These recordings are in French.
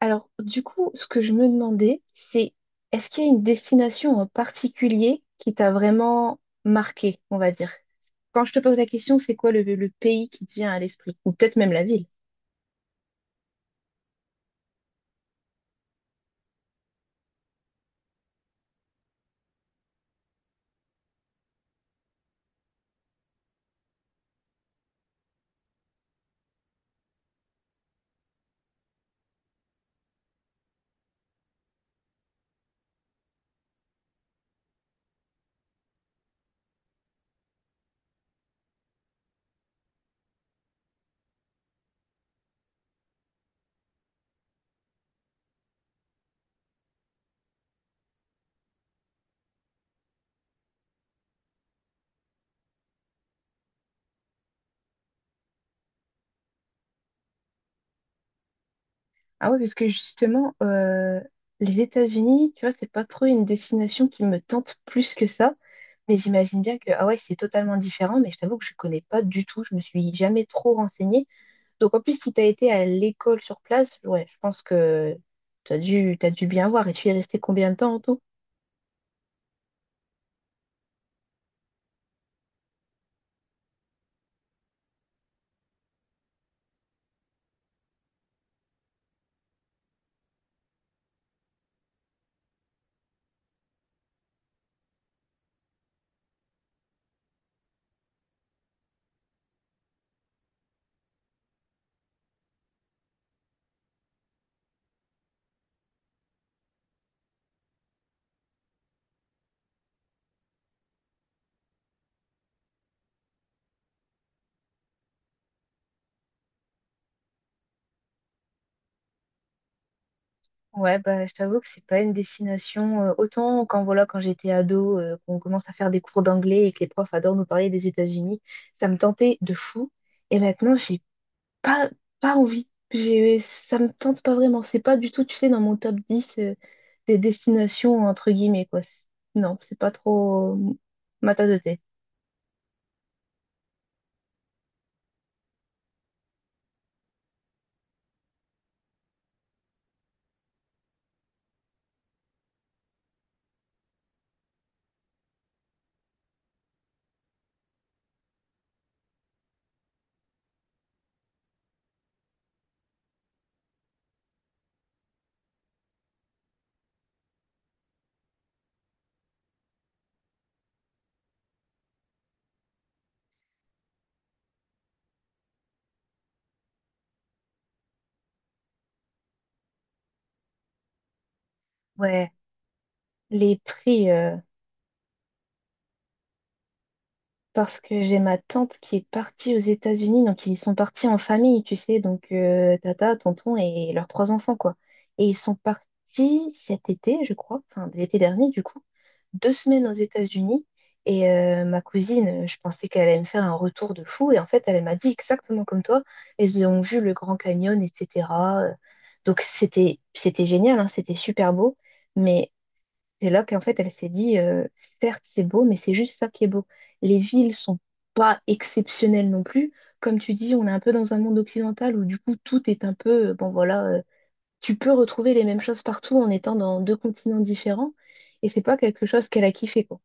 Alors, du coup, ce que je me demandais, c'est est-ce qu'il y a une destination en particulier qui t'a vraiment marqué, on va dire? Quand je te pose la question, c'est quoi le pays qui te vient à l'esprit? Ou peut-être même la ville. Ah ouais, parce que justement, les États-Unis, tu vois, c'est pas trop une destination qui me tente plus que ça. Mais j'imagine bien que, ah ouais, c'est totalement différent, mais je t'avoue que je connais pas du tout, je me suis jamais trop renseignée. Donc en plus, si tu as été à l'école sur place, ouais, je pense que tu as dû, t'as dû bien voir. Et tu y es resté combien de temps en tout? Ouais, bah, je t'avoue que c'est pas une destination autant quand voilà quand j'étais ado, qu'on commence à faire des cours d'anglais et que les profs adorent nous parler des États-Unis, ça me tentait de fou. Et maintenant, j'ai pas pas envie. J'ai ça me tente pas vraiment. C'est pas du tout, tu sais, dans mon top 10 des destinations entre guillemets quoi. C'est- non, c'est pas trop ma tasse de thé. Ouais, les prix. Parce que j'ai ma tante qui est partie aux États-Unis, donc ils sont partis en famille, tu sais, donc tata, tonton et leurs trois enfants, quoi. Et ils sont partis cet été, je crois, enfin l'été dernier, du coup, deux semaines aux États-Unis. Et ma cousine, je pensais qu'elle allait me faire un retour de fou, et en fait, elle m'a dit exactement comme toi, elles ont vu le Grand Canyon, etc. Donc c'était génial, hein, c'était super beau, mais c'est là qu'en fait, elle s'est dit, certes, c'est beau, mais c'est juste ça qui est beau. Les villes sont pas exceptionnelles non plus. Comme tu dis, on est un peu dans un monde occidental où du coup, tout est un peu, bon voilà, tu peux retrouver les mêmes choses partout en étant dans deux continents différents. Et c'est pas quelque chose qu'elle a kiffé, quoi.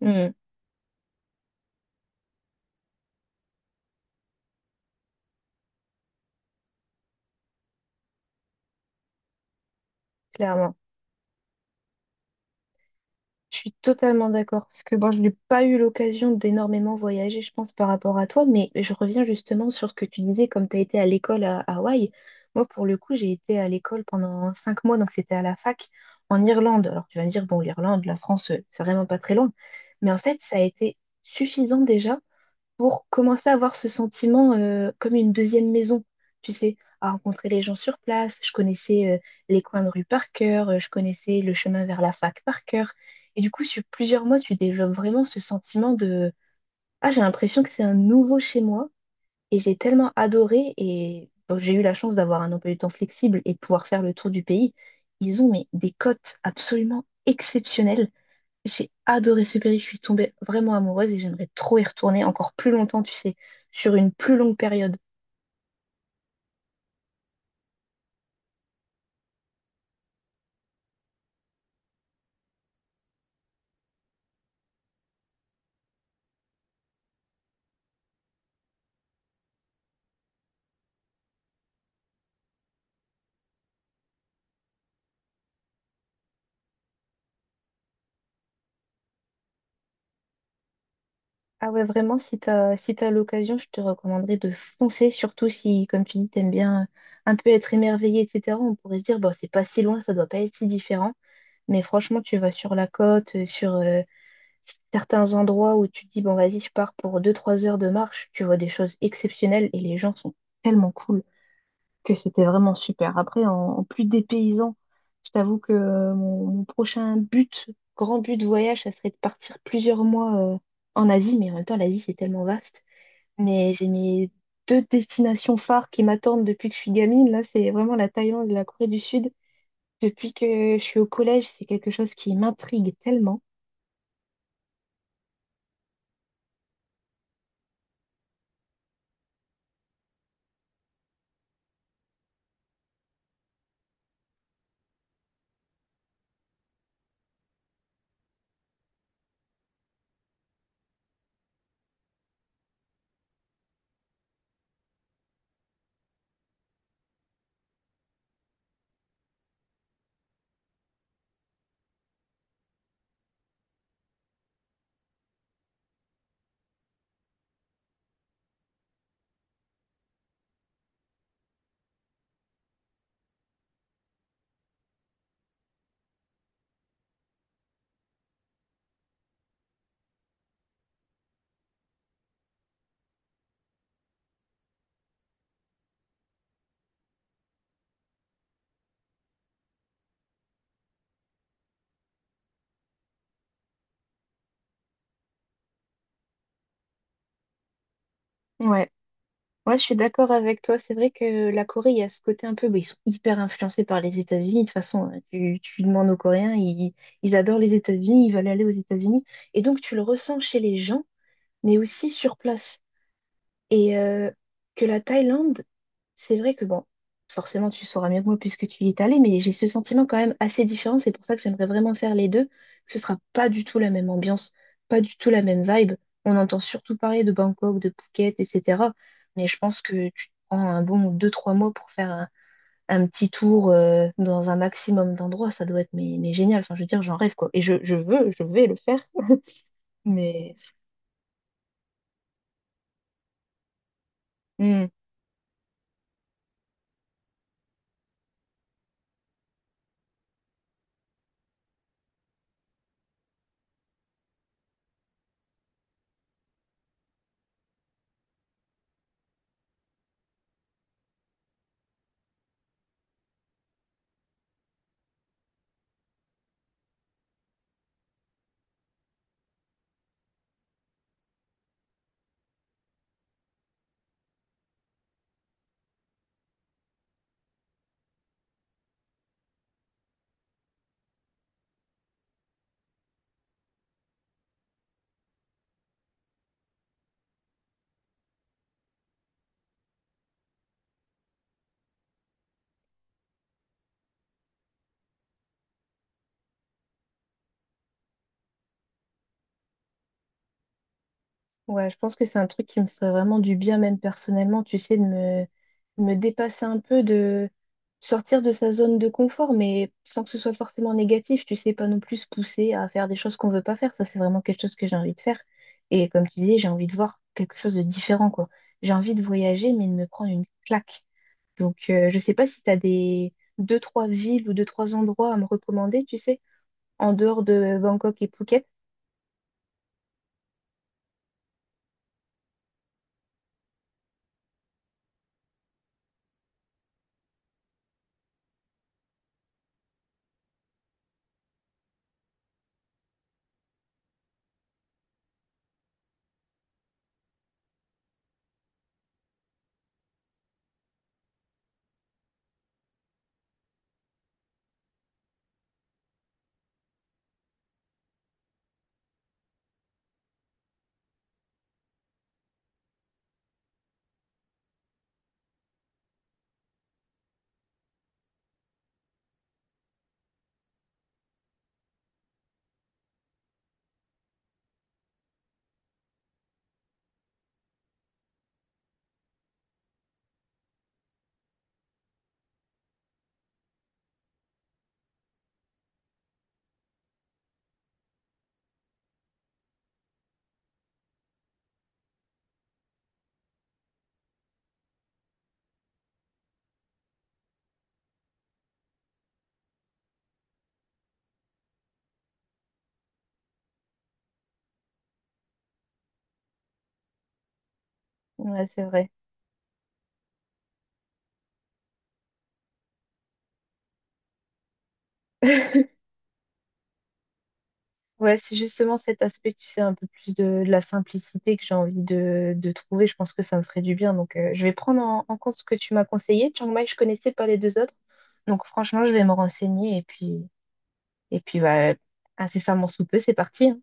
Mm, clairement. Je suis totalement d'accord parce que bon, je n'ai pas eu l'occasion d'énormément voyager, je pense, par rapport à toi, mais je reviens justement sur ce que tu disais, comme tu as été à l'école à Hawaï. Moi, pour le coup, j'ai été à l'école pendant 5 mois, donc c'était à la fac en Irlande. Alors tu vas me dire, bon, l'Irlande, la France, c'est vraiment pas très loin, mais en fait, ça a été suffisant déjà pour commencer à avoir ce sentiment comme une deuxième maison, tu sais, à rencontrer les gens sur place. Je connaissais les coins de rue par cœur, je connaissais le chemin vers la fac par cœur. Et du coup, sur plusieurs mois, tu développes vraiment ce sentiment de ah, j'ai l'impression que c'est un nouveau chez moi. Et j'ai tellement adoré et bon, j'ai eu la chance d'avoir un emploi du temps flexible et de pouvoir faire le tour du pays. Ils ont mais, des cotes absolument exceptionnelles. J'ai adoré ce pays, je suis tombée vraiment amoureuse et j'aimerais trop y retourner encore plus longtemps, tu sais, sur une plus longue période. Ah ouais, vraiment, si t'as, si t'as l'occasion, je te recommanderais de foncer, surtout si, comme tu dis, t'aimes bien un peu être émerveillé, etc. On pourrait se dire, bon, c'est pas si loin, ça doit pas être si différent. Mais franchement, tu vas sur la côte, sur certains endroits où tu te dis, bon, vas-y, je pars pour 2 3 heures de marche, tu vois des choses exceptionnelles et les gens sont tellement cool. Que c'était vraiment super. Après, en, en plus des paysans, je t'avoue que mon prochain but, grand but de voyage, ça serait de partir plusieurs mois en Asie, mais en même temps, l'Asie, c'est tellement vaste. Mais j'ai mes deux destinations phares qui m'attendent depuis que je suis gamine. Là, c'est vraiment la Thaïlande et la Corée du Sud. Depuis que je suis au collège, c'est quelque chose qui m'intrigue tellement. Ouais. Ouais, je suis d'accord avec toi. C'est vrai que la Corée, il y a ce côté un peu, bah, ils sont hyper influencés par les États-Unis. De toute façon, hein, tu demandes aux Coréens, ils adorent les États-Unis, ils veulent aller aux États-Unis. Et donc, tu le ressens chez les gens, mais aussi sur place. Et que la Thaïlande, c'est vrai que bon, forcément tu sauras mieux que moi puisque tu y es allé, mais j'ai ce sentiment quand même assez différent. C'est pour ça que j'aimerais vraiment faire les deux. Ce sera pas du tout la même ambiance, pas du tout la même vibe. On entend surtout parler de Bangkok, de Phuket, etc. Mais je pense que tu te prends un bon 2, 3 mois pour faire un petit tour dans un maximum d'endroits. Ça doit être mais génial. Enfin, je veux dire, j'en rêve quoi. Et je veux, je vais le faire. Mais. Hmm. Ouais, je pense que c'est un truc qui me ferait vraiment du bien, même personnellement, tu sais, de me, me dépasser un peu, de sortir de sa zone de confort, mais sans que ce soit forcément négatif, tu sais, pas non plus se pousser à faire des choses qu'on veut pas faire. Ça, c'est vraiment quelque chose que j'ai envie de faire. Et comme tu disais, j'ai envie de voir quelque chose de différent, quoi. J'ai envie de voyager, mais de me prendre une claque. Donc, je sais pas si tu as des 2, 3 villes ou 2, 3 endroits à me recommander, tu sais, en dehors de Bangkok et Phuket. Ouais, c'est vrai. Ouais, c'est justement cet aspect, tu sais, un peu plus de la simplicité que j'ai envie de trouver. Je pense que ça me ferait du bien. Donc, je vais prendre en, en compte ce que tu m'as conseillé. Chiang Mai, je connaissais pas les deux autres. Donc, franchement, je vais me renseigner et puis, bah, incessamment sous peu, c'est parti, hein.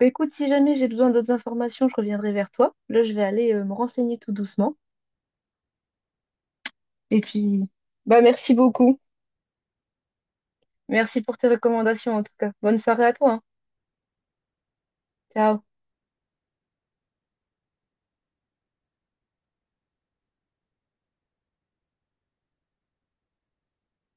Bah, écoute, si jamais j'ai besoin d'autres informations, je reviendrai vers toi. Là, je vais aller, me renseigner tout doucement. Et puis, bah, merci beaucoup. Merci pour tes recommandations, en tout cas. Bonne soirée à toi, hein. Ciao.